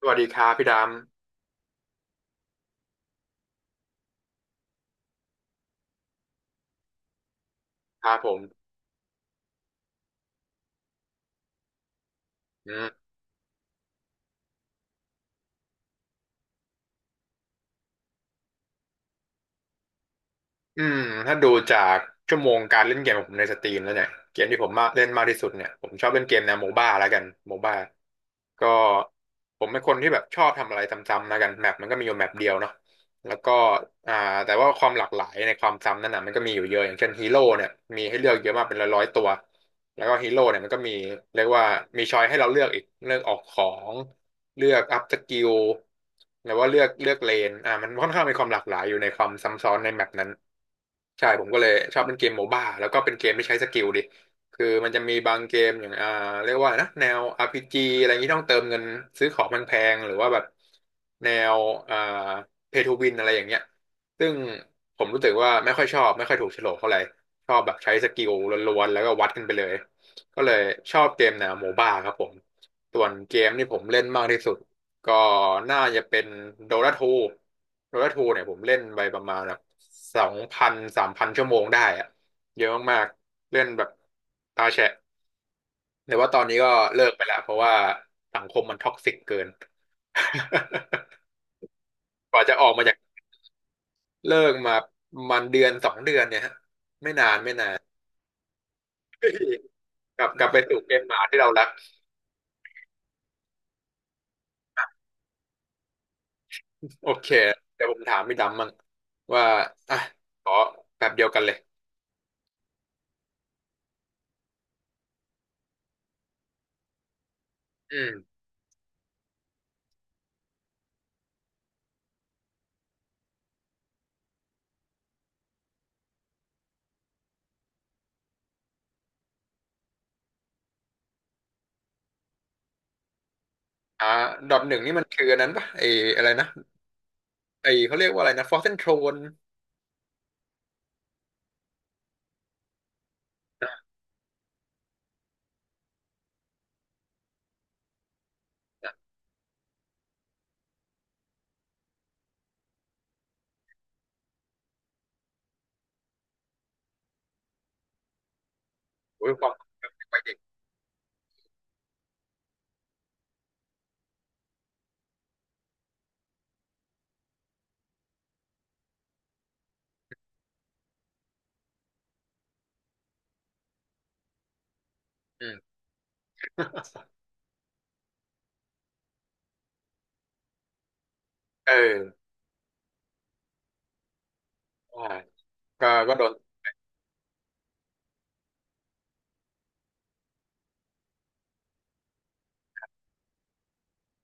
สวัสดีครับพี่ดำครับผมอืม อืมถ้าดูจากชั่วโมงการเล่นเกมของผมในสตรีมแล้วเนี่ยเกมที่ผมมาเล่นมากที่สุดเนี่ยผมชอบเล่นเกมแนวโมบ้าแล้วกันโมบ้าก็ผมเป็นคนที่แบบชอบทำอะไรซ้ำๆแล้วกันแมปมันก็มีอยู่แมปเดียวเนาะแล้วก็อ่าแต่ว่าความหลากหลายในความซ้ำนั่นน่ะมันก็มีอยู่เยอะอย่างเช่นฮีโร่เนี่ยมีให้เลือกเยอะมากเป็นร้อยๆตัวแล้วก็ฮีโร่เนี่ยมันก็มีเรียกว่ามีช้อยให้เราเลือกอีกเลือกออกของเลือกอัพสกิลหรือว่าเลือกเลนมันค่อนข้างมีความหลากหลายอยู่ในความซ้ำซ้อนในแมปนั้น ใช่ผมก็เลยชอบเล่นเกมโมบ้าแล้วก็เป็นเกมที่ใช้สกิลดิคือมันจะมีบางเกมอย่างเรียกว่านะแนว RPG อะไรอย่างนี้ต้องเติมเงินซื้อของแพงๆหรือว่าแบบแนวอ่าเพย์ทูวินอะไรอย่างเงี้ยซึ่งผมรู้สึกว่าไม่ค่อยชอบไม่ค่อยถูกโฉลกเท่าไหร่ชอบแบบใช้สกิลล้วนๆแล้วก็วัดกันไปเลยก็เลยชอบเกมแนวโมบ้าครับผมส่วนเกมที่ผมเล่นมากที่สุด ก็น่าจะเป็นโดราทูโดราทูเนี่ยผมเล่นไปประมาณแบบ2,000 3,000ชั่วโมงได้อะเยอะมากๆเล่นแบบตาแฉะแต่ว่าตอนนี้ก็เลิกไปแล้วเพราะว่าสังคมมันท็อกซิกเกิน กว่าจะออกมาจากเลิกมามันเดือนสองเดือนเนี่ยฮะไม่นาน กลับไปสู่เกมหมาที่เรารักโอเคเดี๋ยวผมถามพี่ดำมั่งว่าอ่ะขอแบบเดียวกันเลยอืม อ่าดอทหนึ่งนี่มันคืออันนั้นปะไออะไรนะไอเขาเรียกว่าอะไรนะฟอสเซนโทรนนะนะโอ้ยความไปเด็กอืมเอออ่าก็โดน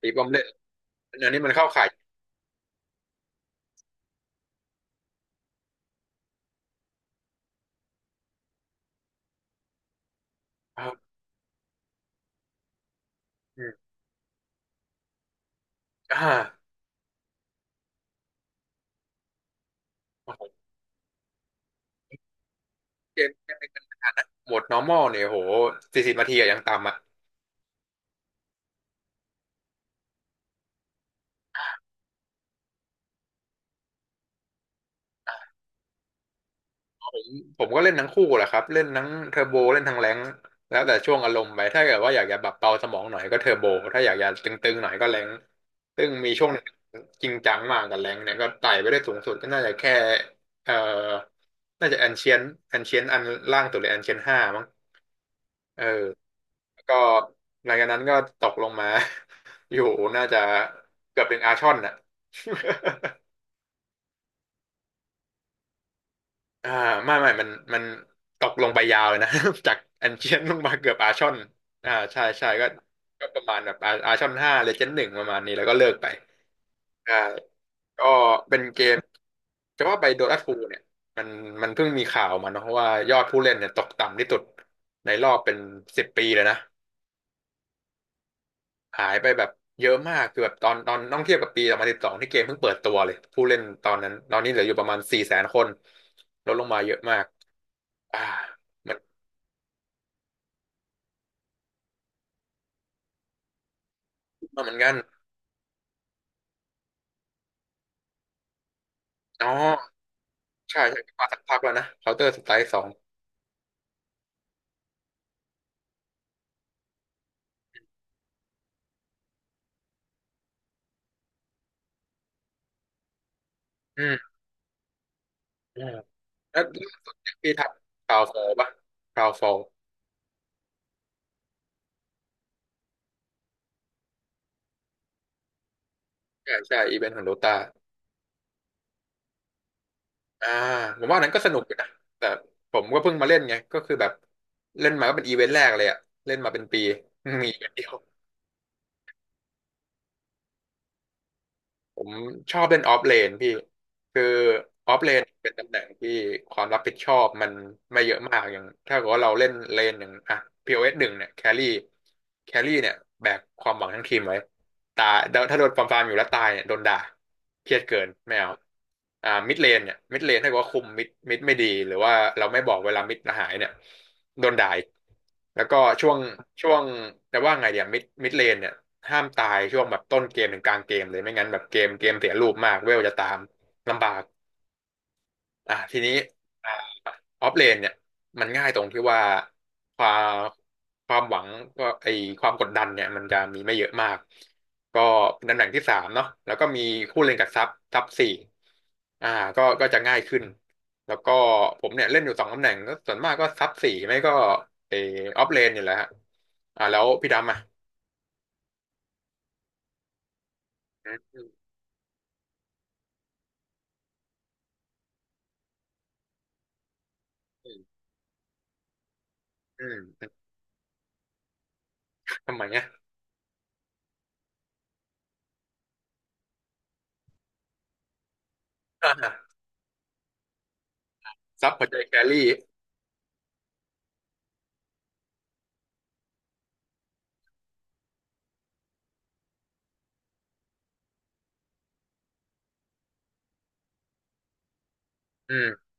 ตีบอมเละอันนี้มันเข้าข่ายครับอืมอ่าโอ้โหเกมเกมในขนาดนั้นโหมด normal เนี่ยโห40นาทีอะยังต่ำอะ ผมก็เล่นทั้งคู่แหละครับเล่นทั้งเทอร์โบเล่นทั้งแรงค์แล้วแต่ช่วงอารมณ์ไปถ้าเกิดว่าอยากจะแบบเบาสมองหน่อยก็เทอร์โบถ้าอยากจะตึงๆหน่อยก็แรงค์ซึ่งมีช่วงหนึ่งจริงจังมากกับแรงค์เนี่ยก็ไต่ไปได้สูงสุดก็น่าจะแค่เอ่อน่าจะแอนเชียนแอนเชียนอันล่างสุดเลยแอนเชียนห้ามั้งเออแล้วก็หลังจากนั้นก็ตกลงมา อยู่น่าจะเกือบถึงอาชอนน่ะ อ่าไม่มันตกลงไปยาวเลยนะ จากแอนเชียนลงมาเกือบอาร์ชอนอ่าใช่ใช่ก็ก็ประมาณแบบอาอาร์ชอน5 เลเจนด์ 1ประมาณนี้แล้วก็เลิกไปใช่ก็เป็นเกมจะว่าไปโดตาทูเนี่ยมันมันเพิ่งมีข่าวมาเนอะว่ายอดผู้เล่นเนี่ยตกต่ำที่สุดในรอบเป็นสิบปีเลยนะหายไปแบบเยอะมากคือแบบตอนต้องเทียบกับปี2012ที่เกมเพิ่งเปิดตัวเลยผู้เล่นตอนนั้นตอนนี้เหลืออยู่ประมาณ400,000คนลดลงมาเยอะมากอ่ามันมาเหมือนกัน อ๋อใช่ใช่มาสักพักแล้วนะเคาน์เตอร์สไตล์สองอืมอืมแล้วเรื่องจากปีถัดคราวโซลป่ะคราวโซลใช่ใช่อีเวนต์ของโดตาอ่าผมว่าอันนั้นก็สนุกอยู่นะแต่ผมก็เพิ่งมาเล่นไงก็คือแบบเล่นมาก็เป็นอีเวนต์แรกเลยอะเล่นมาเป็นปี มีอีเวนต์เดียวผมชอบเล่นออฟเลนพี่คือออฟเลนเป็นตำแหน่งที่ความรับผิดชอบมันไม่เยอะมากอย่างถ้าเกิดว่าเราเล่นเลนอย่างอ่ะพีโอเอสหนึ่งเนี่ยแครี่แครี่เนี่ยแบกความหวังทั้งทีมไว้ ตายถ้าโดนปรามปรามอยู่แล้วตายเนี่ยโดนด่า เครียดเกิน ไม่เอามิดเลนเนี่ยมิดเลนถ้าเกิดว่าคุมมิดไม่ดี หรือว่าเราไม่บอกเวลามิดหายเนี่ยโดนด่าอีกแล้วก็ช่วงแต่ว่าไงเดี๋ยวมิดเลนเนี่ยห้ามตายช่วงแบบต้นเกมถึงกลางเกมเลยไม่งั้นแบบเกมเสียรูปมาก เวลจะตามลำบาก อ่ะทีนี้ออฟเลนเนี่ยมันง่ายตรงที่ว่าความความหวังก็ไอความกดดันเนี่ยมันจะมีไม่เยอะมากก็เป็นตำแหน่งที่สามเนาะแล้วก็มีคู่เล่นกับซับสี่อ่าก็จะง่ายขึ้นแล้วก็ผมเนี่ยเล่นอยู่สองตำแหน่งก็ส่วนมากก็ซับสี่ไม่ก็ไอออฟเลนนี่แหละฮะแล้วพี่ดำอ่ะอืมอืมอืมอืมทำไมเนี่ยอ่าซับหัวใจแครี่อืม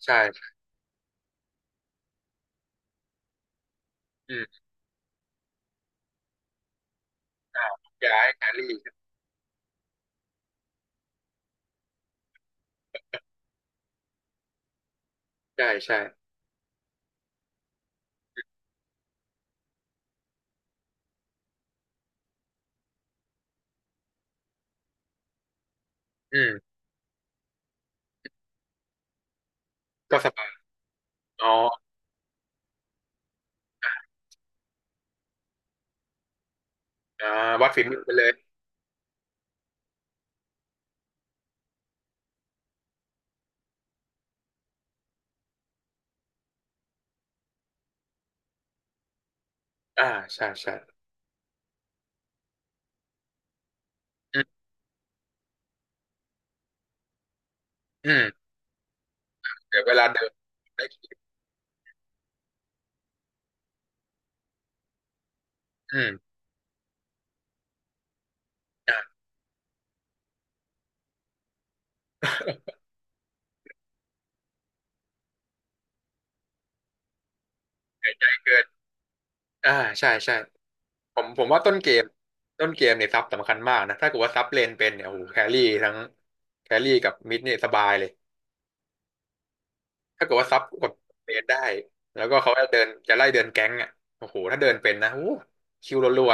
ใช่อืมอ่าย้ายแครี่ ใช่ใช่อืม ก็สบายอ๋ออ่าวัดฝีมือไปเลยอ่าใช่ใช่อืมอืมเดี๋ยวเวลาเดินได้อืมอ่าไม่เกินอ่าใช่ใช่ผมว่าต้นเกมต้นเกมเนี่ยซับสำคัญมากนะถ้าเกิดว่าซับเลนเป็นเนี่ยโอ้โหแครี่ทั้งแครี่กับมิดเนี่ยสบายเลย ถ้าเกิดว่าซับกับเลนได้แล้วก็เขาจะเดินจะไล่เดินแก๊งอ่ะโอ้โหถ้าเดินเป็นนะโอ้โหคิวรัว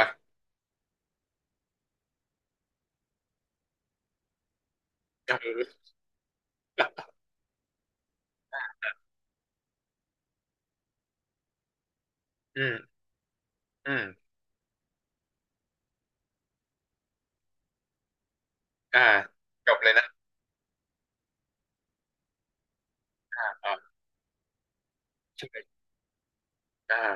ๆเอออืมอืมอ่าจบเลยนะอ่าอ่าใช่อ่า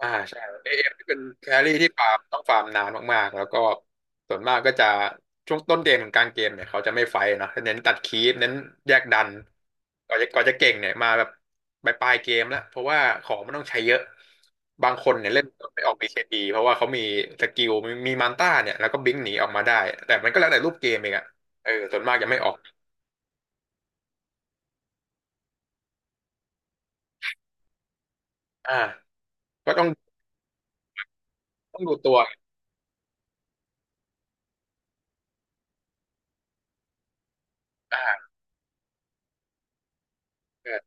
ใช่เอเอ็มที่เป็นแครี่ที่ฟาร์มต้องฟาร์มนานมากๆแล้วก็ส่วนมากก็จะช่วงต้นเกมถึงกลางเกมเนี่ยเขาจะไม่ไฟท์เนาะเน้นตัดคีปเน้นแยกดันก่อนจะเก่งเนี่ยมาแบบปลายๆเกมแล้วเพราะว่าของมันต้องใช้เยอะบางคนเนี่ยเล่นไม่ออกบีเคบีเพราะว่าเขามีสกิลมีมันต้าเนี่ยแล้วก็บิงหนีออกมาได้แต่มันก็แล้วแต่รูปเกมเองอะเออส่วนมากจะไม่ออกอ่าก็ต้องดูตัวอ่าเออ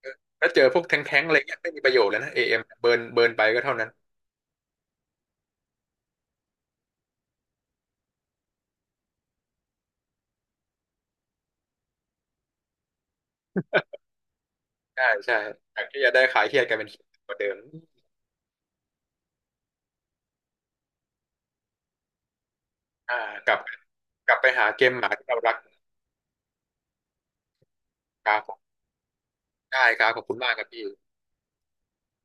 เออถ้าเจอพวกแท้งๆอะไรเงี้ยไม่มีประโยชน์แล้วนะเอเอ็มเบิร์นไปก็เท่านั้น ใช่ใช่จากที่จะได้ขายเครียดกลายเป็นเครียดกว่าเดิมอ่ากลับกลับไปหาเกมหมาที่เรารักครับผมได้ครับขอบคุณมากครับพี่